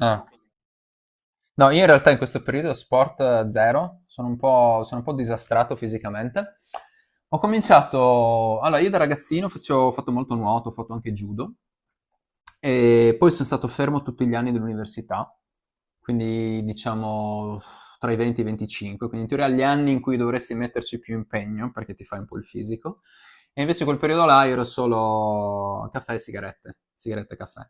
Ah. No, io in realtà in questo periodo sport zero, sono un po' disastrato fisicamente. Ho cominciato, allora io da ragazzino ho fatto molto nuoto, ho fatto anche judo, e poi sono stato fermo tutti gli anni dell'università, quindi diciamo tra i 20 e i 25, quindi in teoria gli anni in cui dovresti metterci più impegno perché ti fai un po' il fisico. E invece quel periodo là ero solo caffè e sigarette, sigarette e caffè.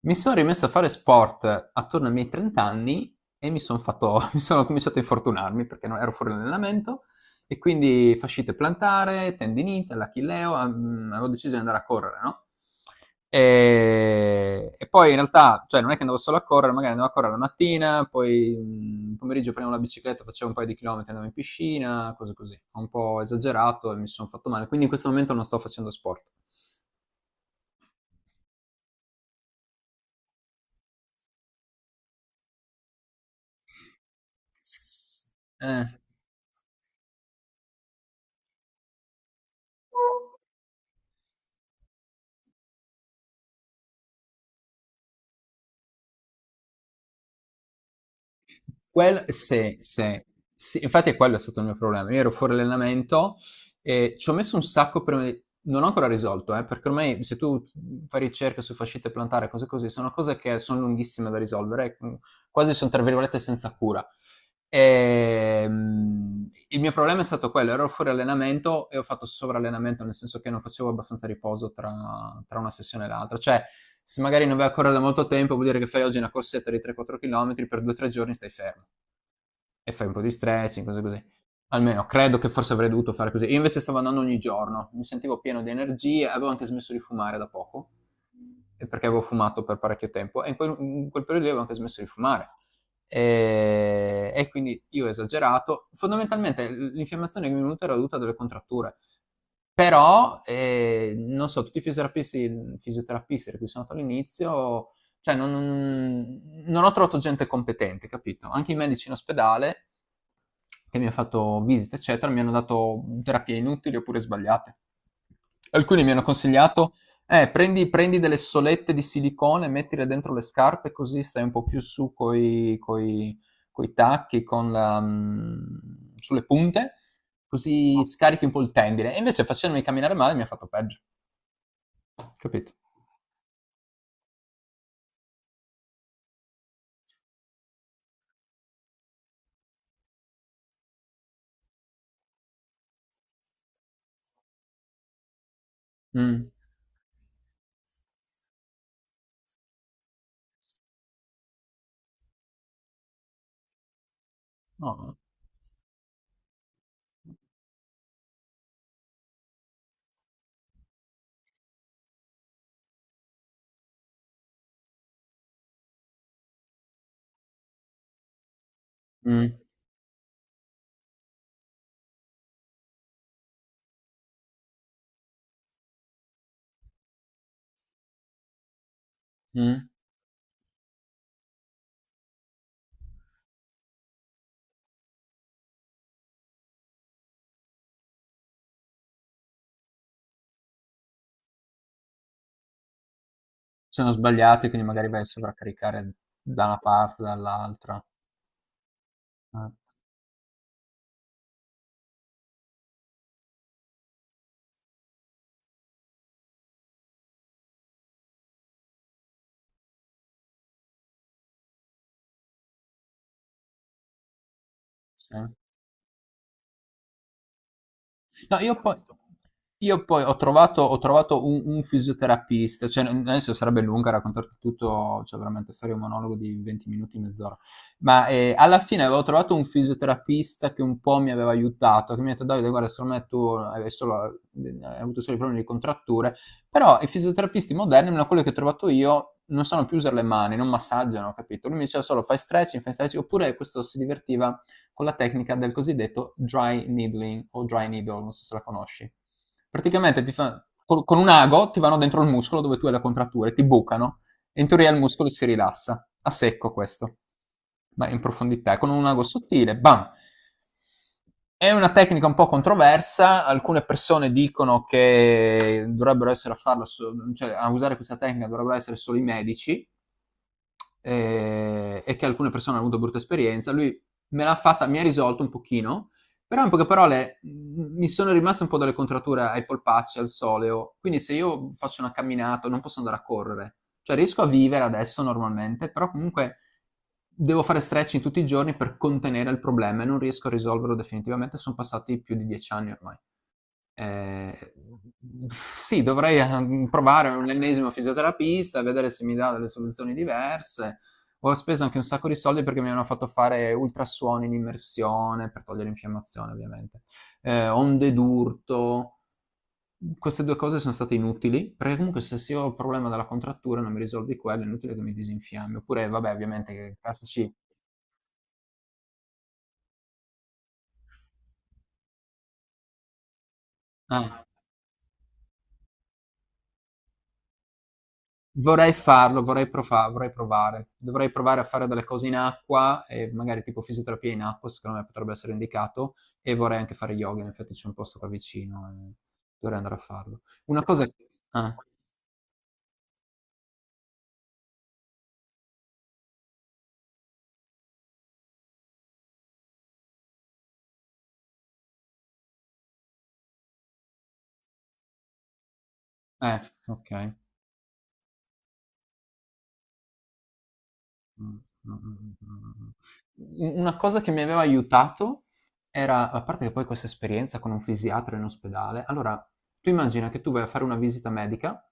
Mi sono rimesso a fare sport attorno ai miei 30 anni e mi sono cominciato a infortunarmi perché non ero fuori allenamento e quindi fascite plantare, tendinite, l'achilleo, avevo deciso di andare a correre, no? E poi in realtà, cioè non è che andavo solo a correre, magari andavo a correre la mattina, poi pomeriggio prendevo la bicicletta, facevo un paio di chilometri, andavo in piscina, cose così. Ho un po' esagerato e mi sono fatto male, quindi in questo momento non sto facendo sport. Eh. Sì, sì, sì, infatti è quello è stato il mio problema. Io ero fuori allenamento e ci ho messo un sacco prima di. Non ho ancora risolto, perché ormai se tu fai ricerche su fascite plantare, cose così, sono cose che sono lunghissime da risolvere, quasi sono tra virgolette senza cura. E, il mio problema è stato quello, ero fuori allenamento e ho fatto sovrallenamento, nel senso che non facevo abbastanza riposo tra una sessione e l'altra. Cioè, se magari non vai a correre da molto tempo, vuol dire che fai oggi una corsetta di 3-4 km, per 2-3 giorni stai fermo e fai un po' di stretching, cose così. Almeno credo che forse avrei dovuto fare così. Io invece stavo andando ogni giorno, mi sentivo pieno di energie, avevo anche smesso di fumare da poco, e perché avevo fumato per parecchio tempo, e in quel periodo lì avevo anche smesso di fumare. E quindi io ho esagerato. Fondamentalmente l'infiammazione che mi è venuta era dovuta a delle contratture. Però, non so, tutti i fisioterapisti di cui sono andato all'inizio, cioè non ho trovato gente competente, capito? Anche i medici in ospedale che mi hanno fatto visite, eccetera, mi hanno dato terapie inutili oppure sbagliate. Alcuni mi hanno consigliato, prendi delle solette di silicone, mettile dentro le scarpe, così stai un po' più su coi tacchi, sulle punte, così scarichi un po' il tendine. E invece facendomi camminare male mi ha fatto peggio, capito? Mm. No. Mm, mm. Sono sbagliati, quindi magari vai a sovraccaricare da una parte, dall'altra. Eh, sì. No, io poi ho trovato un fisioterapista, cioè adesso sarebbe lunga raccontarti tutto, cioè veramente fare un monologo di 20 minuti, mezz'ora, ma alla fine avevo trovato un fisioterapista che un po' mi aveva aiutato, che mi ha detto Davide, guarda, secondo me tu hai, solo, hai avuto solo i problemi di contratture, però i fisioterapisti moderni, almeno quelli che ho trovato io, non sanno più usare le mani, non massaggiano, capito? Lui mi diceva solo fai stretching, oppure questo si divertiva con la tecnica del cosiddetto dry needling o dry needle, non so se la conosci. Praticamente ti fa, con un ago ti vanno dentro il muscolo dove tu hai la contrattura e ti bucano e in teoria il muscolo si rilassa, a secco questo, ma in profondità, con un ago sottile, bam! È una tecnica un po' controversa, alcune persone dicono che dovrebbero essere a farla, cioè a usare questa tecnica dovrebbero essere solo i medici, e che alcune persone hanno avuto brutta esperienza. Lui me l'ha fatta, mi ha risolto un pochino, però in poche parole mi sono rimaste un po' delle contrature ai polpacci, al soleo, quindi se io faccio una camminata non posso andare a correre, cioè riesco a vivere adesso normalmente, però comunque devo fare stretching tutti i giorni per contenere il problema e non riesco a risolverlo definitivamente, sono passati più di 10 anni ormai. Ehm, mhmm, sì, dovrei, provare un ennesimo fisioterapista, vedere se mi dà delle soluzioni diverse. Ho speso anche un sacco di soldi perché mi hanno fatto fare ultrasuoni in immersione per togliere infiammazione ovviamente, onde d'urto. Queste 2 cose sono state inutili, perché comunque se ho il problema della contrattura non mi risolvi quello, è inutile che mi disinfiammi. Oppure vabbè ovviamente classici eh. Vorrei farlo, vorrei provare. Dovrei provare a fare delle cose in acqua e magari tipo fisioterapia in acqua, secondo me potrebbe essere indicato e vorrei anche fare yoga, in effetti c'è un posto qua vicino e dovrei andare a farlo. Una cosa eh, okay. Mh, mh, mh, mh, mh. U una cosa che mi aveva aiutato era a parte che poi questa esperienza con un fisiatra in ospedale allora, tu immagina che tu vai a fare una visita medica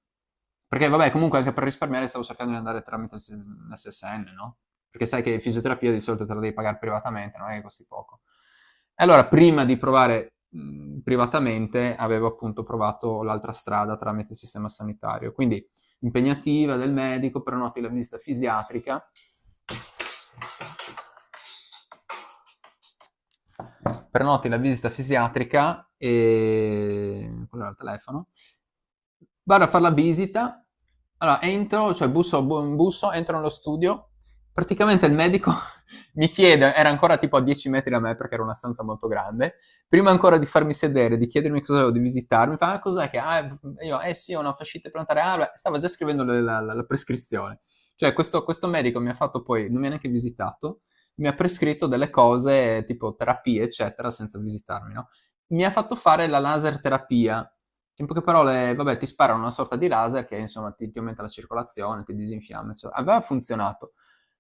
perché vabbè comunque anche per risparmiare stavo cercando di andare tramite il s l'SSN, no, perché sai che fisioterapia di solito te la devi pagare privatamente, non è che costi poco. E allora prima di provare, privatamente avevo appunto provato l'altra strada tramite il sistema sanitario. Quindi impegnativa del medico, prenoti la visita fisiatrica. Prenoti la visita fisiatrica e quello era il telefono. Vado a fare la visita, allora entro, cioè busso, entro nello studio, praticamente il medico mi chiede, era ancora tipo a 10 metri da me perché era una stanza molto grande, prima ancora di farmi sedere, di chiedermi cosa avevo, di visitarmi, mi fa, ah, cos'è che, ah, io, eh sì, ho una fascite plantare, ah, beh, stava già scrivendo la prescrizione. Cioè questo medico mi ha fatto poi, non mi ha neanche visitato, mi ha prescritto delle cose tipo terapie, eccetera, senza visitarmi, no? Mi ha fatto fare la laser terapia. In poche parole, vabbè, ti sparano una sorta di laser che insomma ti aumenta la circolazione, ti disinfiamma, eccetera. Aveva funzionato.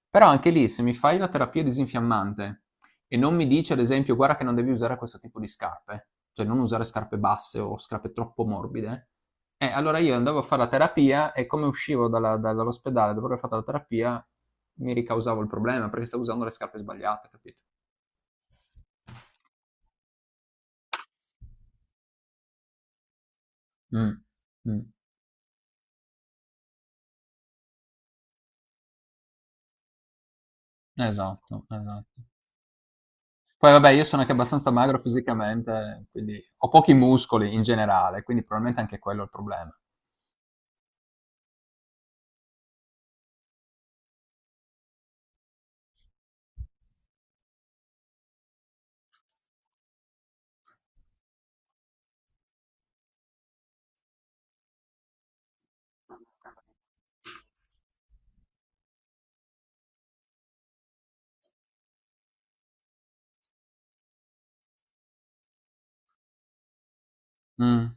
Però anche lì, se mi fai la terapia disinfiammante e non mi dici, ad esempio, guarda che non devi usare questo tipo di scarpe, cioè non usare scarpe basse o scarpe troppo morbide, allora io andavo a fare la terapia e come uscivo dall'ospedale dopo aver fatto la terapia mi ricausavo il problema perché stavo usando le scarpe sbagliate, capito? Mm, mm. Esatto, esatto. Poi vabbè, io sono anche abbastanza magro fisicamente, quindi ho pochi muscoli in generale, quindi probabilmente anche quello è il problema. Mh.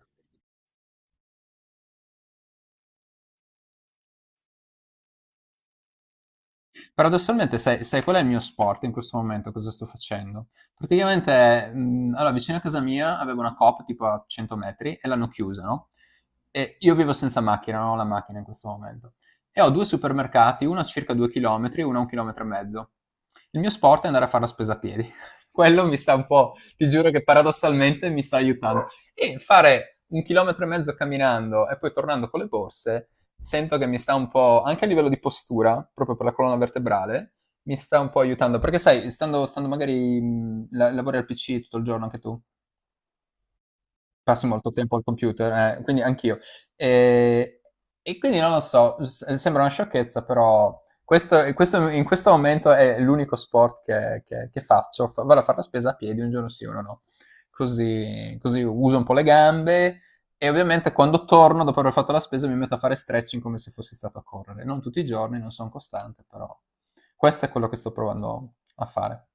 Paradossalmente, sai qual è il mio sport in questo momento? Cosa sto facendo? Praticamente, allora, vicino a casa mia avevo una Coop tipo a 100 metri e l'hanno chiusa, no? E io vivo senza macchina, non ho la macchina in questo momento. E ho due supermercati, uno a circa 2 chilometri e uno a un chilometro e mezzo. Il mio sport è andare a fare la spesa a piedi. Quello mi sta un po', ti giuro che paradossalmente mi sta aiutando. E fare un chilometro e mezzo camminando e poi tornando con le borse sento che mi sta un po', anche a livello di postura, proprio per la colonna vertebrale, mi sta un po' aiutando. Perché sai, stando magari, lavori al PC tutto il giorno anche tu, passi molto tempo al computer, quindi anch'io. E, e quindi non lo so, sembra una sciocchezza, però in questo momento è l'unico sport che faccio. Vado a fare la spesa a piedi un giorno sì, uno no. Così uso un po' le gambe e ovviamente quando torno dopo aver fatto la spesa mi metto a fare stretching come se fossi stato a correre. Non tutti i giorni, non sono costante, però questo è quello che sto provando a fare.